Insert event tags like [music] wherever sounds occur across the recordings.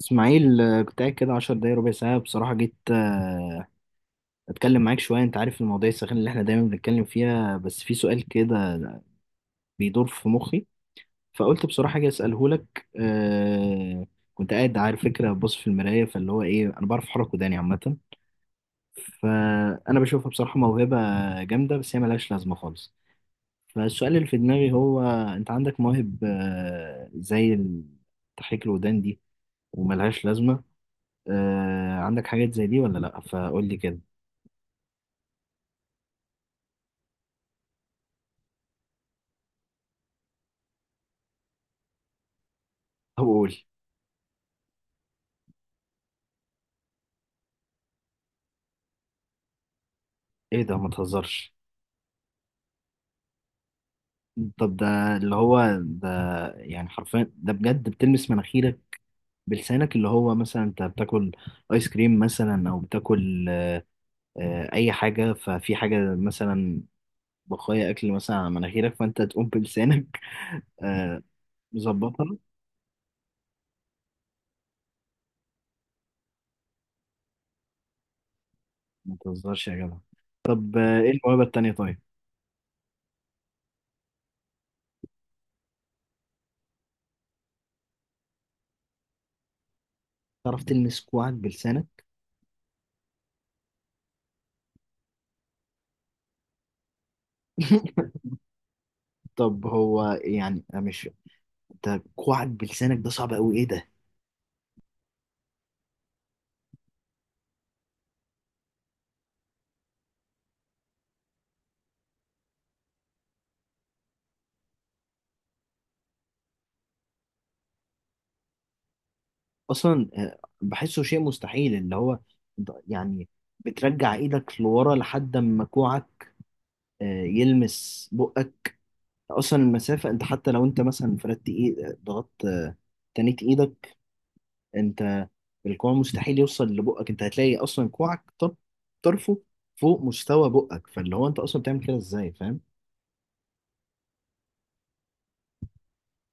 اسماعيل، كنت قاعد كده 10 دقايق ربع ساعة بصراحة. جيت اتكلم معاك شوية. انت عارف المواضيع الساخنة اللي احنا دايما بنتكلم فيها، بس في سؤال كده بيدور في مخي، فقلت بصراحة اجي اسأله لك. كنت قاعد على فكرة بص في المراية، فاللي هو ايه، انا بعرف احرك وداني عامة، فانا بشوفها بصراحة موهبة جامدة، بس هي ملهاش لازمة خالص. فالسؤال اللي في دماغي هو: انت عندك مواهب تحريك الودان دي وملهاش لازمة، عندك حاجات زي دي ولا لأ؟ فقول لي كده. طب قول. ايه ده، ما تهزرش! طب ده، اللي هو ده، يعني حرفيا ده بجد بتلمس مناخيرك بلسانك؟ اللي هو مثلا انت بتاكل ايس كريم مثلا، او بتاكل اي حاجة، ففي حاجة مثلا، بقايا اكل مثلا على مناخيرك، فانت تقوم بلسانك آه مظبطها. ما تهزرش يا جدع! طب ايه الموهبة التانية طيب؟ تعرف تلمس كوعك بلسانك؟ [laughs] طب هو يعني مش، انت كوعك بلسانك ده صعب قوي، ايه ده؟ اصلا بحسه شيء مستحيل، اللي هو يعني، بترجع ايدك لورا لحد ما كوعك يلمس بقك. اصلا المسافة، انت حتى لو انت مثلا فردت ايد، ضغطت تنيت ايدك، انت الكوع مستحيل يوصل لبقك. انت هتلاقي اصلا كوعك طرفه فوق مستوى بقك، فاللي هو انت اصلا بتعمل كده ازاي؟ فاهم.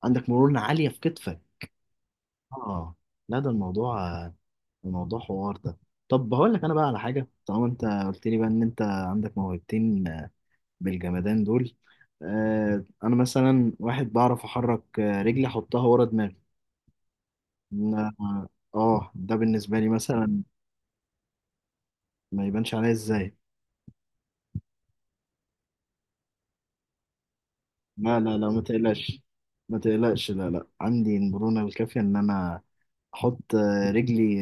عندك مرونة عالية في كتفك. اه. لا، ده الموضوع، الموضوع حوار ده. طب هقول لك انا بقى على حاجه، طالما انت قلت لي بقى ان انت عندك موهبتين بالجمدان دول. انا مثلا واحد بعرف احرك رجلي احطها ورا دماغي. اه. ده بالنسبه لي مثلا. ما يبانش عليا ازاي؟ لا لا لا، ما تقلقش، ما تقلقش. لا لا، عندي المرونه الكافيه ان انا احط رجلي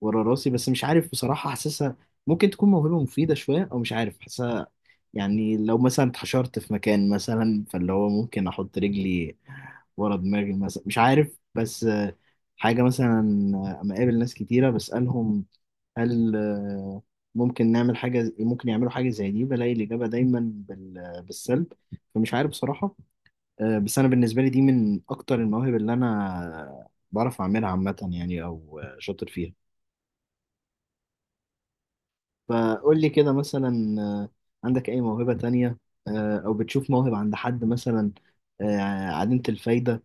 ورا راسي، بس مش عارف بصراحة حاسسها ممكن تكون موهبة مفيدة شوية أو مش عارف حاسسها. يعني لو مثلا اتحشرت في مكان مثلا، فاللي هو ممكن أحط رجلي ورا دماغي مثلا، مش عارف. بس حاجة مثلا. أما أقابل ناس كتيرة بسألهم: هل ممكن نعمل ممكن يعملوا حاجة زي دي؟ بلاقي الإجابة دايما بالسلب. فمش عارف بصراحة. بس أنا بالنسبة لي دي من أكتر المواهب اللي أنا بعرف أعملها عامة، يعني أو شاطر فيها. فقول لي كده مثلا، عندك أي موهبة تانية، أو بتشوف موهبة عند حد مثلا آه، عديمة الفايدة،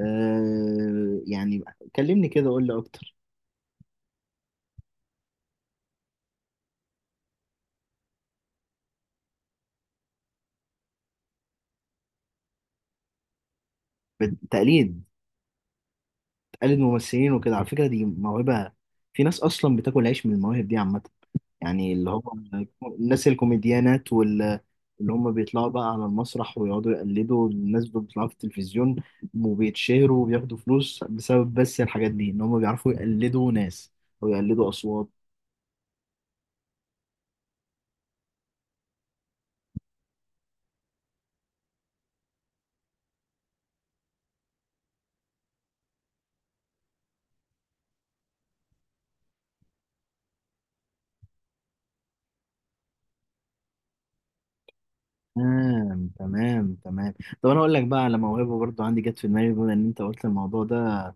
يعني؟ كلمني كده، قول لي أكتر. تقليد؟ تقلد ممثلين وكده؟ على فكرة دي موهبة، في ناس أصلا بتاكل عيش من المواهب دي عامة. يعني اللي هو الناس الكوميديانات اللي هم بيطلعوا بقى على المسرح ويقعدوا يقلدوا الناس اللي بيطلعوا في التلفزيون، وبيتشهروا وبياخدوا فلوس بسبب بس الحاجات دي، ان هم بيعرفوا يقلدوا ناس ويقلدوا اصوات. تمام، تمام، تمام. طب انا اقول لك بقى على موهبه برضو عندي جت في دماغي، بما ان انت قلت الموضوع ده.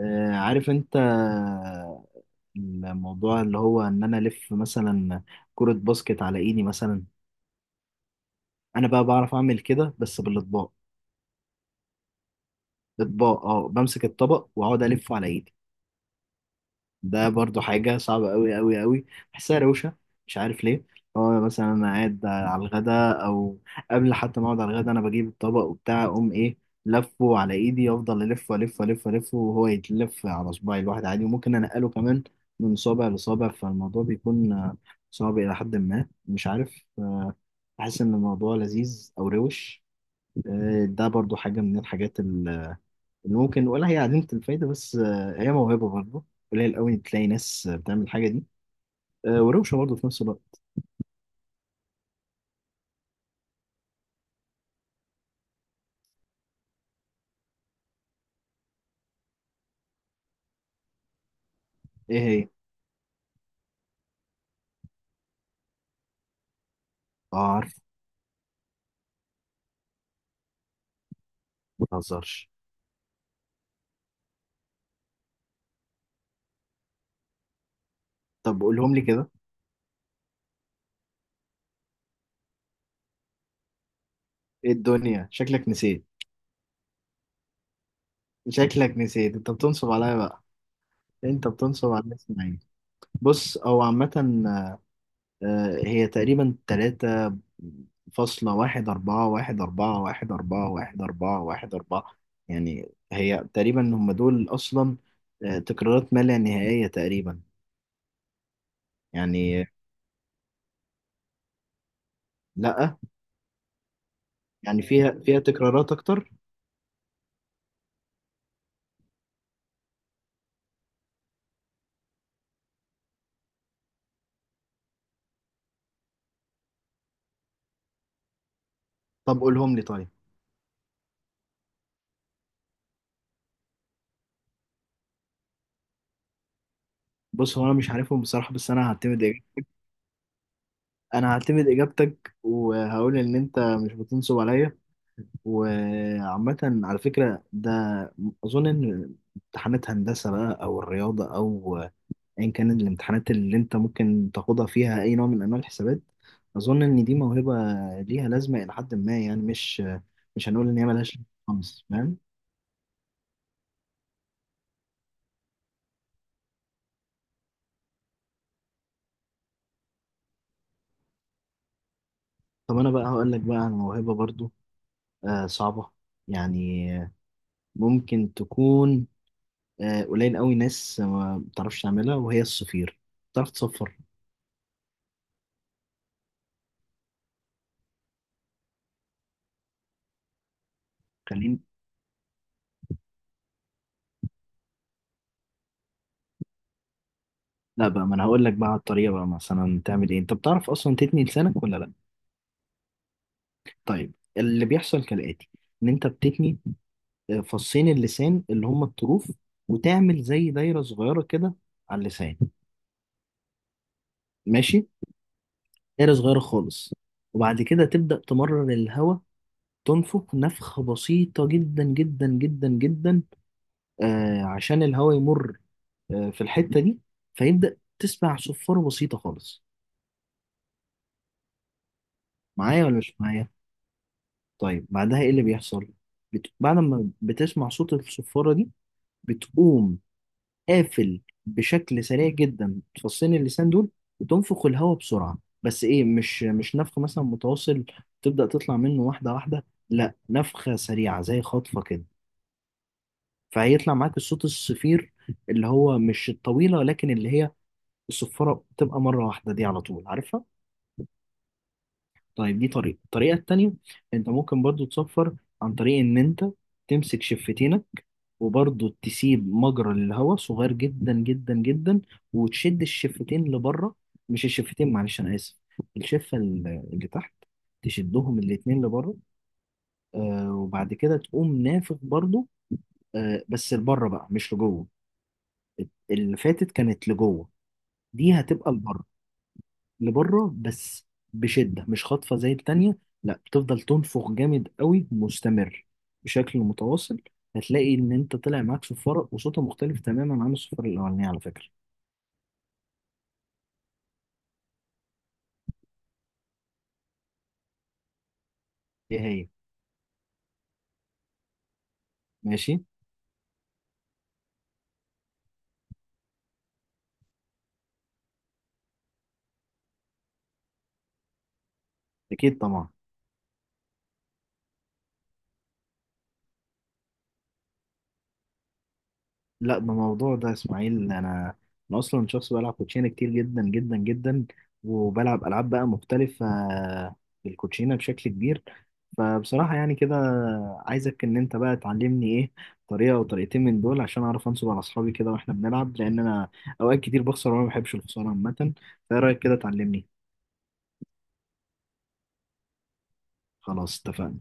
عارف انت الموضوع اللي هو ان انا الف مثلا كرة باسكت على ايدي مثلا؟ انا بقى بعرف اعمل كده بس بالاطباق. اطباق، اه، بمسك الطبق واقعد الفه على ايدي. ده برضو حاجه صعبه قوي قوي قوي، بحسها روشه، مش عارف ليه. اه مثلا انا قاعد على الغدا او قبل حتى ما اقعد على الغدا، انا بجيب الطبق وبتاع، اقوم ايه، لفه على ايدي، افضل الف والف والف والف وهو يتلف على صباعي الواحد عادي، وممكن انقله كمان من صابع لصابع. فالموضوع بيكون صعب الى حد ما، مش عارف. بحس ان الموضوع لذيذ او روش. ده برضو حاجه من الحاجات اللي ممكن، ولا هي عديمة الفايدة، بس هي موهبة برضه. قليل قوي تلاقي ناس بتعمل الحاجة دي وروشة برضه في نفس الوقت. ايه هي؟ اه عارف. ما تهزرش! طب قولهم لي كده. ايه الدنيا، شكلك نسيت؟ شكلك نسيت، انت بتنصب عليا بقى، انت بتنصب على اسماعيل. بص هو عامة، هي تقريبا تلاتة فاصلة واحد أربعة واحد أربعة واحد أربعة واحد أربعة واحد أربعة. يعني هي تقريبا هم دول أصلا، تكرارات ما لا نهائية تقريبا يعني. لا. يعني فيها تكرارات اكتر. طب قولهم لي طيب. بص هو انا مش عارفهم بصراحه، بس انا هعتمد انا هعتمد اجابتك وهقول ان انت مش بتنصب عليا. وعامه، على فكره ده، اظن ان امتحانات هندسه بقى او الرياضه، او ايا كان الامتحانات اللي انت ممكن تاخدها فيها اي نوع من انواع الحسابات، اظن ان دي موهبه ليها لازمه الى حد ما، يعني مش هنقول ان هي ملهاش خالص، فاهم. طب انا بقى هقول لك بقى عن موهبه برضو صعبة، يعني ممكن تكون قليل قوي ناس ما بتعرفش تعملها، وهي الصفير. بتعرف تصفر؟ خليني. لا بقى، ما انا هقول لك بقى على الطريقة بقى، مثلا تعمل ايه. انت بتعرف اصلا تتني لسانك ولا لا؟ طيب اللي بيحصل كالآتي: ان انت بتتني فصين اللسان اللي هم الطروف، وتعمل زي دايرة صغيرة كده على اللسان، ماشي. دايرة صغيرة خالص، وبعد كده تبدأ تمرر الهواء، تنفخ نفخة بسيطة جدا جدا جدا جدا، عشان الهواء يمر في الحتة دي، فيبدأ تسمع صفارة بسيطة خالص. معايا ولا مش معايا؟ طيب بعدها ايه اللي بيحصل؟ بعد ما بتسمع صوت الصفارة دي، بتقوم قافل بشكل سريع جدا تفصين اللسان دول، وتنفخ الهواء بسرعة، بس ايه، مش، نفخ مثلا متواصل تبدأ تطلع منه واحدة واحدة، لا، نفخة سريعة زي خطفة كده، فهيطلع معاك الصوت الصفير، اللي هو مش الطويلة، لكن اللي هي الصفارة بتبقى مرة واحدة دي على طول، عارفها؟ طيب دي طريقة. الطريقة التانية، انت ممكن برضو تصفر عن طريق ان انت تمسك شفتينك، وبرضو تسيب مجرى للهواء صغير جدا جدا جدا، وتشد الشفتين لبره. مش الشفتين، معلش انا اسف، الشفة ال- اللي تحت، تشدهم الاتنين لبره. وبعد كده تقوم نافخ برضو، بس لبره بقى مش لجوه. اللي فاتت كانت لجوه، دي هتبقى لبره. لبره بس، بشدة، مش خاطفة زي التانية، لا، بتفضل تنفخ جامد قوي مستمر بشكل متواصل. هتلاقي ان انت طلع معاك صفارة وصوتها مختلف تماما عن الصفارة الاولانية، على فكرة. ايه هي؟ ماشي. اكيد طبعا. لا، ده موضوع ده يا اسماعيل. انا، انا اصلا شخص بلعب كوتشينه كتير جدا جدا جدا، وبلعب العاب بقى مختلفه بالكوتشينه بشكل كبير، فبصراحه يعني كده، عايزك ان انت بقى تعلمني ايه، طريقه او طريقتين من دول، عشان اعرف انصب على اصحابي كده واحنا بنلعب، لان انا اوقات كتير بخسر وانا ما بحبش الخساره عامه. فايه رايك كده، تعلمني؟ خلاص اتفقنا.